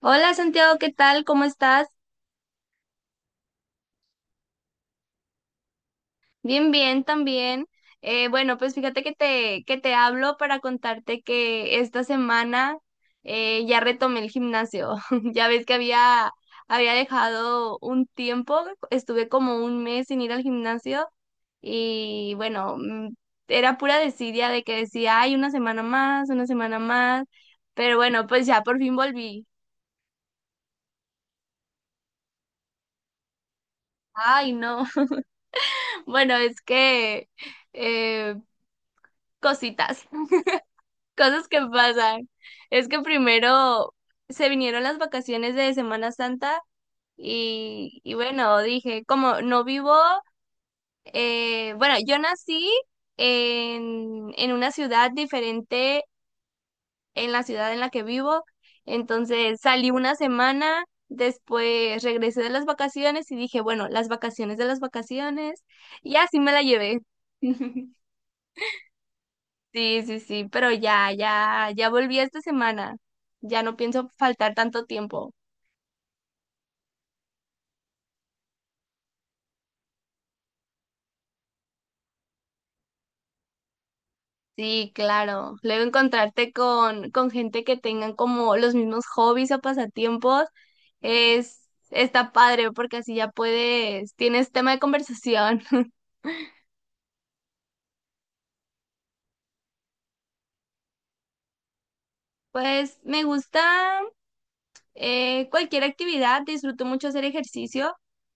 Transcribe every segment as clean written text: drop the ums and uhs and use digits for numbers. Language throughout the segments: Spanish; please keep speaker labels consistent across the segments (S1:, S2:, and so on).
S1: Hola Santiago, ¿qué tal? ¿Cómo estás? Bien, bien, también. Bueno, pues fíjate que te hablo para contarte que esta semana ya retomé el gimnasio. Ya ves que había dejado un tiempo, estuve como un mes sin ir al gimnasio y bueno, era pura desidia de que decía, ay, una semana más, pero bueno, pues ya por fin volví. Ay, no. Bueno, es que... eh, cositas. Cosas que pasan. Es que primero se vinieron las vacaciones de Semana Santa y bueno, dije, como no vivo, bueno, yo nací en una ciudad diferente en la ciudad en la que vivo, entonces salí una semana, después regresé de las vacaciones y dije, bueno, las vacaciones de las vacaciones y así me la llevé. Sí, sí, sí, pero ya, ya, ya volví esta semana. Ya no pienso faltar tanto tiempo. Sí, claro. Luego encontrarte con gente que tengan como los mismos hobbies o pasatiempos es, está padre porque así ya puedes, tienes tema de conversación. Pues me gusta, cualquier actividad, disfruto mucho hacer ejercicio,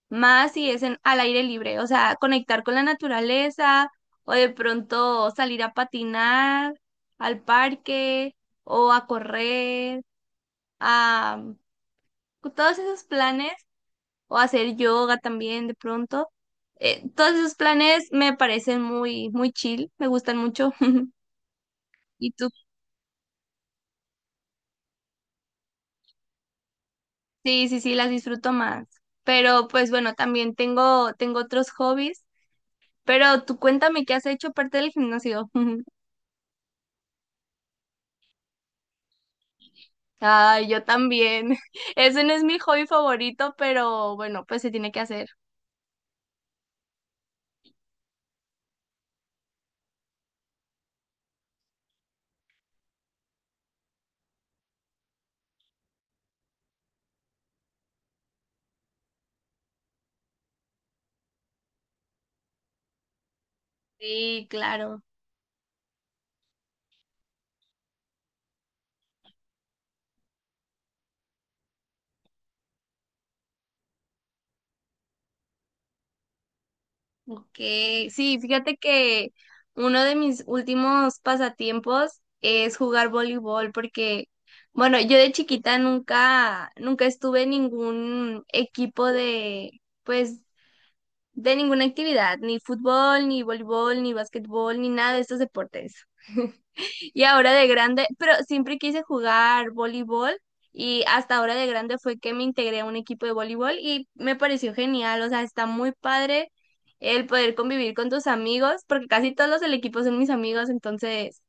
S1: más si es al aire libre, o sea, conectar con la naturaleza o de pronto salir a patinar al parque o a correr, a todos esos planes o hacer yoga también de pronto. Todos esos planes me parecen muy, muy chill, me gustan mucho. Y tú, sí, sí, sí, las disfruto más. Pero pues bueno, también tengo otros hobbies. Pero tú cuéntame qué has hecho aparte del gimnasio. Ay, yo también. Ese no es mi hobby favorito, pero bueno, pues se tiene que hacer. Sí, claro. Ok. Sí, fíjate que uno de mis últimos pasatiempos es jugar voleibol porque, bueno, yo de chiquita nunca, nunca estuve en ningún equipo de, pues, de ninguna actividad, ni fútbol, ni voleibol, ni básquetbol, ni nada de estos deportes. Y ahora de grande, pero siempre quise jugar voleibol y hasta ahora de grande fue que me integré a un equipo de voleibol y me pareció genial, o sea, está muy padre el poder convivir con tus amigos, porque casi todos los del equipo son mis amigos, entonces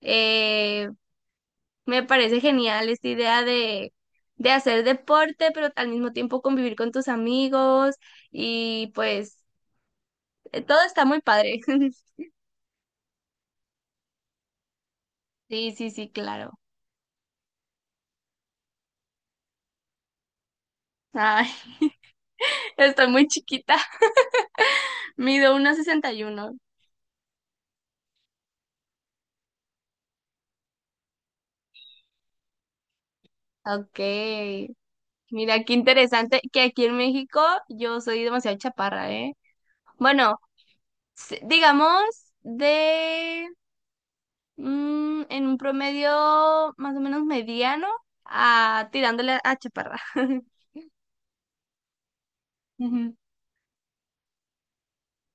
S1: eh, me parece genial esta idea de hacer deporte, pero al mismo tiempo convivir con tus amigos y pues todo está muy padre. Sí, sí, sí, claro. Ay, estoy muy chiquita. Mido 1,61. Ok. Mira, qué interesante que aquí en México yo soy demasiado chaparra, ¿eh? Bueno, digamos de en un promedio más o menos mediano a tirándole a chaparra. Ujú.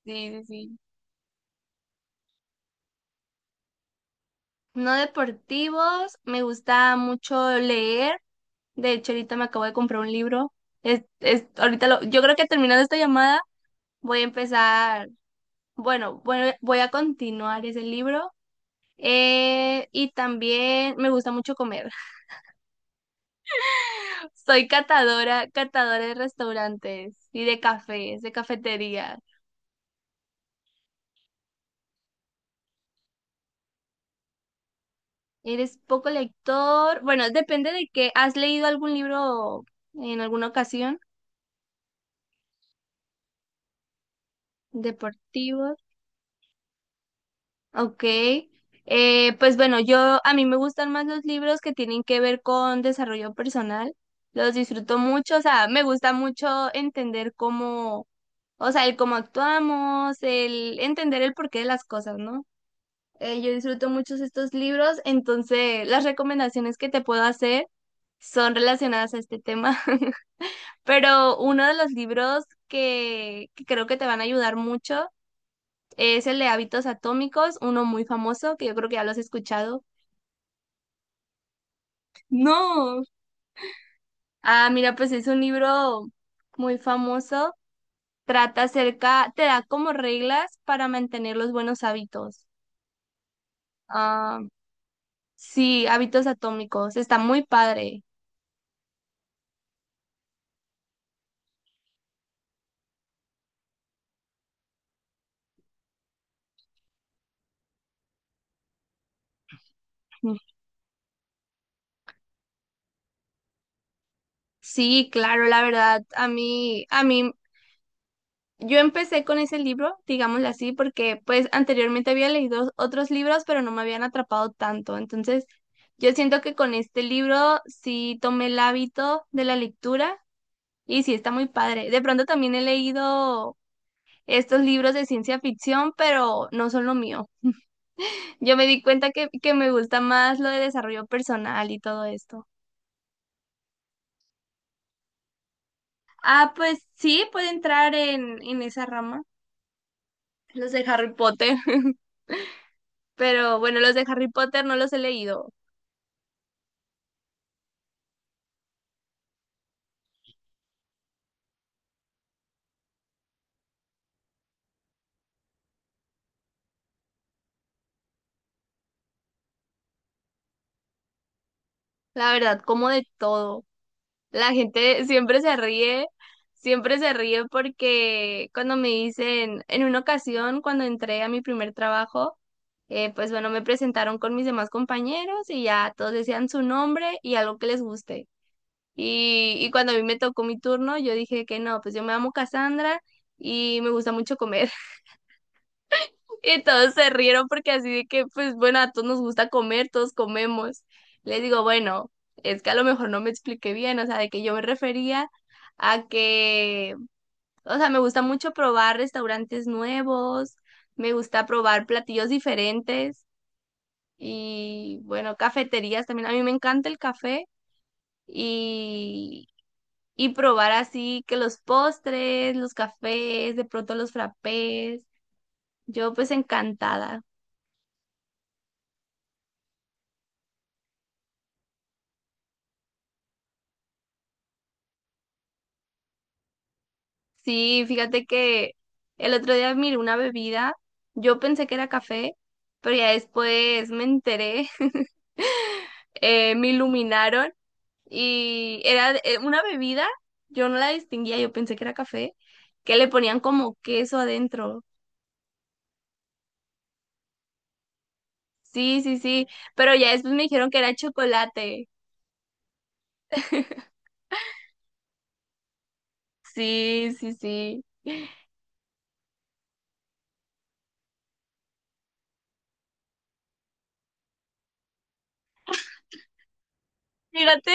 S1: Sí, sí, sí. No deportivos, me gusta mucho leer. De hecho, ahorita me acabo de comprar un libro. Yo creo que terminando esta llamada voy a empezar bueno, bueno, voy a continuar ese libro. Y también me gusta mucho comer. Soy catadora, catadora de restaurantes y de cafés, de cafetería. ¿Eres poco lector? Bueno, depende de qué. ¿Has leído algún libro en alguna ocasión? Deportivo. Ok, pues bueno, yo a mí me gustan más los libros que tienen que ver con desarrollo personal. Los disfruto mucho, o sea, me gusta mucho entender o sea, el cómo actuamos, el entender el porqué de las cosas, ¿no? Yo disfruto muchos estos libros, entonces las recomendaciones que te puedo hacer son relacionadas a este tema. Pero uno de los libros que creo que te van a ayudar mucho es el de hábitos atómicos, uno muy famoso, que yo creo que ya lo has escuchado. No. Ah, mira, pues es un libro muy famoso. Trata acerca, te da como reglas para mantener los buenos hábitos. Ah, sí, hábitos atómicos. Está muy padre. Sí, claro, la verdad, a mí yo empecé con ese libro, digámoslo así, porque pues anteriormente había leído otros libros, pero no me habían atrapado tanto. Entonces, yo siento que con este libro sí tomé el hábito de la lectura y sí está muy padre. De pronto también he leído estos libros de ciencia ficción, pero no son lo mío. Yo me di cuenta que me gusta más lo de desarrollo personal y todo esto. Ah, pues sí, puede entrar en esa rama, los de Harry Potter. Pero bueno, los de Harry Potter no los he leído. La verdad, como de todo. La gente siempre se ríe porque cuando me dicen, en una ocasión, cuando entré a mi primer trabajo, pues bueno, me presentaron con mis demás compañeros y ya todos decían su nombre y algo que les guste. Y cuando a mí me tocó mi turno, yo dije que no, pues yo me llamo Cassandra y me gusta mucho comer. Y todos se rieron porque así de que, pues bueno, a todos nos gusta comer, todos comemos. Les digo, bueno, es que a lo mejor no me expliqué bien, o sea, de que yo me refería a que, o sea, me gusta mucho probar restaurantes nuevos, me gusta probar platillos diferentes y, bueno, cafeterías también. A mí me encanta el café y, y probar así que los postres, los cafés, de pronto los frappés. Yo pues encantada. Sí, fíjate que el otro día miré una bebida, yo pensé que era café, pero ya después me enteré, me iluminaron y era una bebida, yo no la distinguía, yo pensé que era café, que le ponían como queso adentro. Sí, sí, sí, pero ya después me dijeron que era chocolate. Sí, sí, sí. Fíjate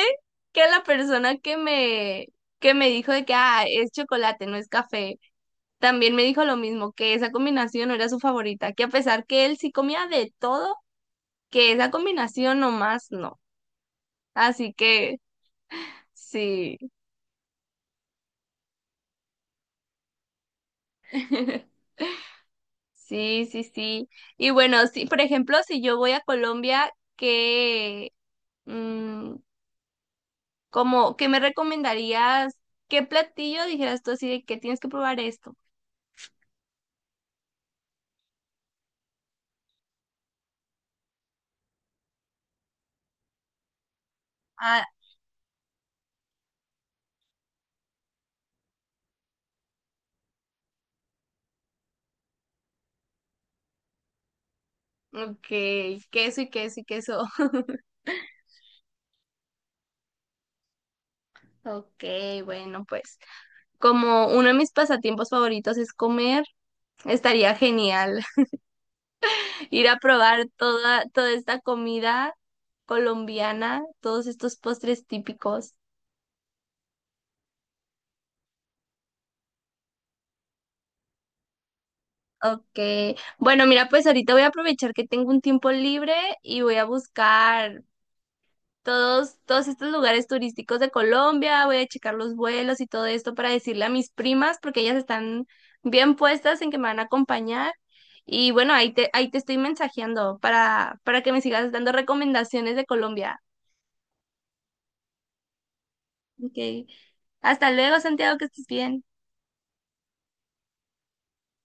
S1: que la persona que me dijo de que ah, es chocolate, no es café. También me dijo lo mismo, que esa combinación no era su favorita, que a pesar que él sí comía de todo, que esa combinación nomás no. Así que sí, sí, sí, sí. Y bueno, sí, por ejemplo, si yo voy a Colombia, mm, qué me recomendarías? ¿Qué platillo dijeras tú así de que tienes que probar esto? Ah, ok, queso y queso y queso. Ok, bueno, pues como uno de mis pasatiempos favoritos es comer. Estaría genial ir a probar toda esta comida colombiana, todos estos postres típicos. Ok, bueno, mira, pues ahorita voy a aprovechar que tengo un tiempo libre y voy a buscar todos estos lugares turísticos de Colombia, voy a checar los vuelos y todo esto para decirle a mis primas, porque ellas están bien puestas en que me van a acompañar. Y bueno, ahí te estoy mensajeando para que me sigas dando recomendaciones de Colombia. Ok. Hasta luego, Santiago, que estés bien.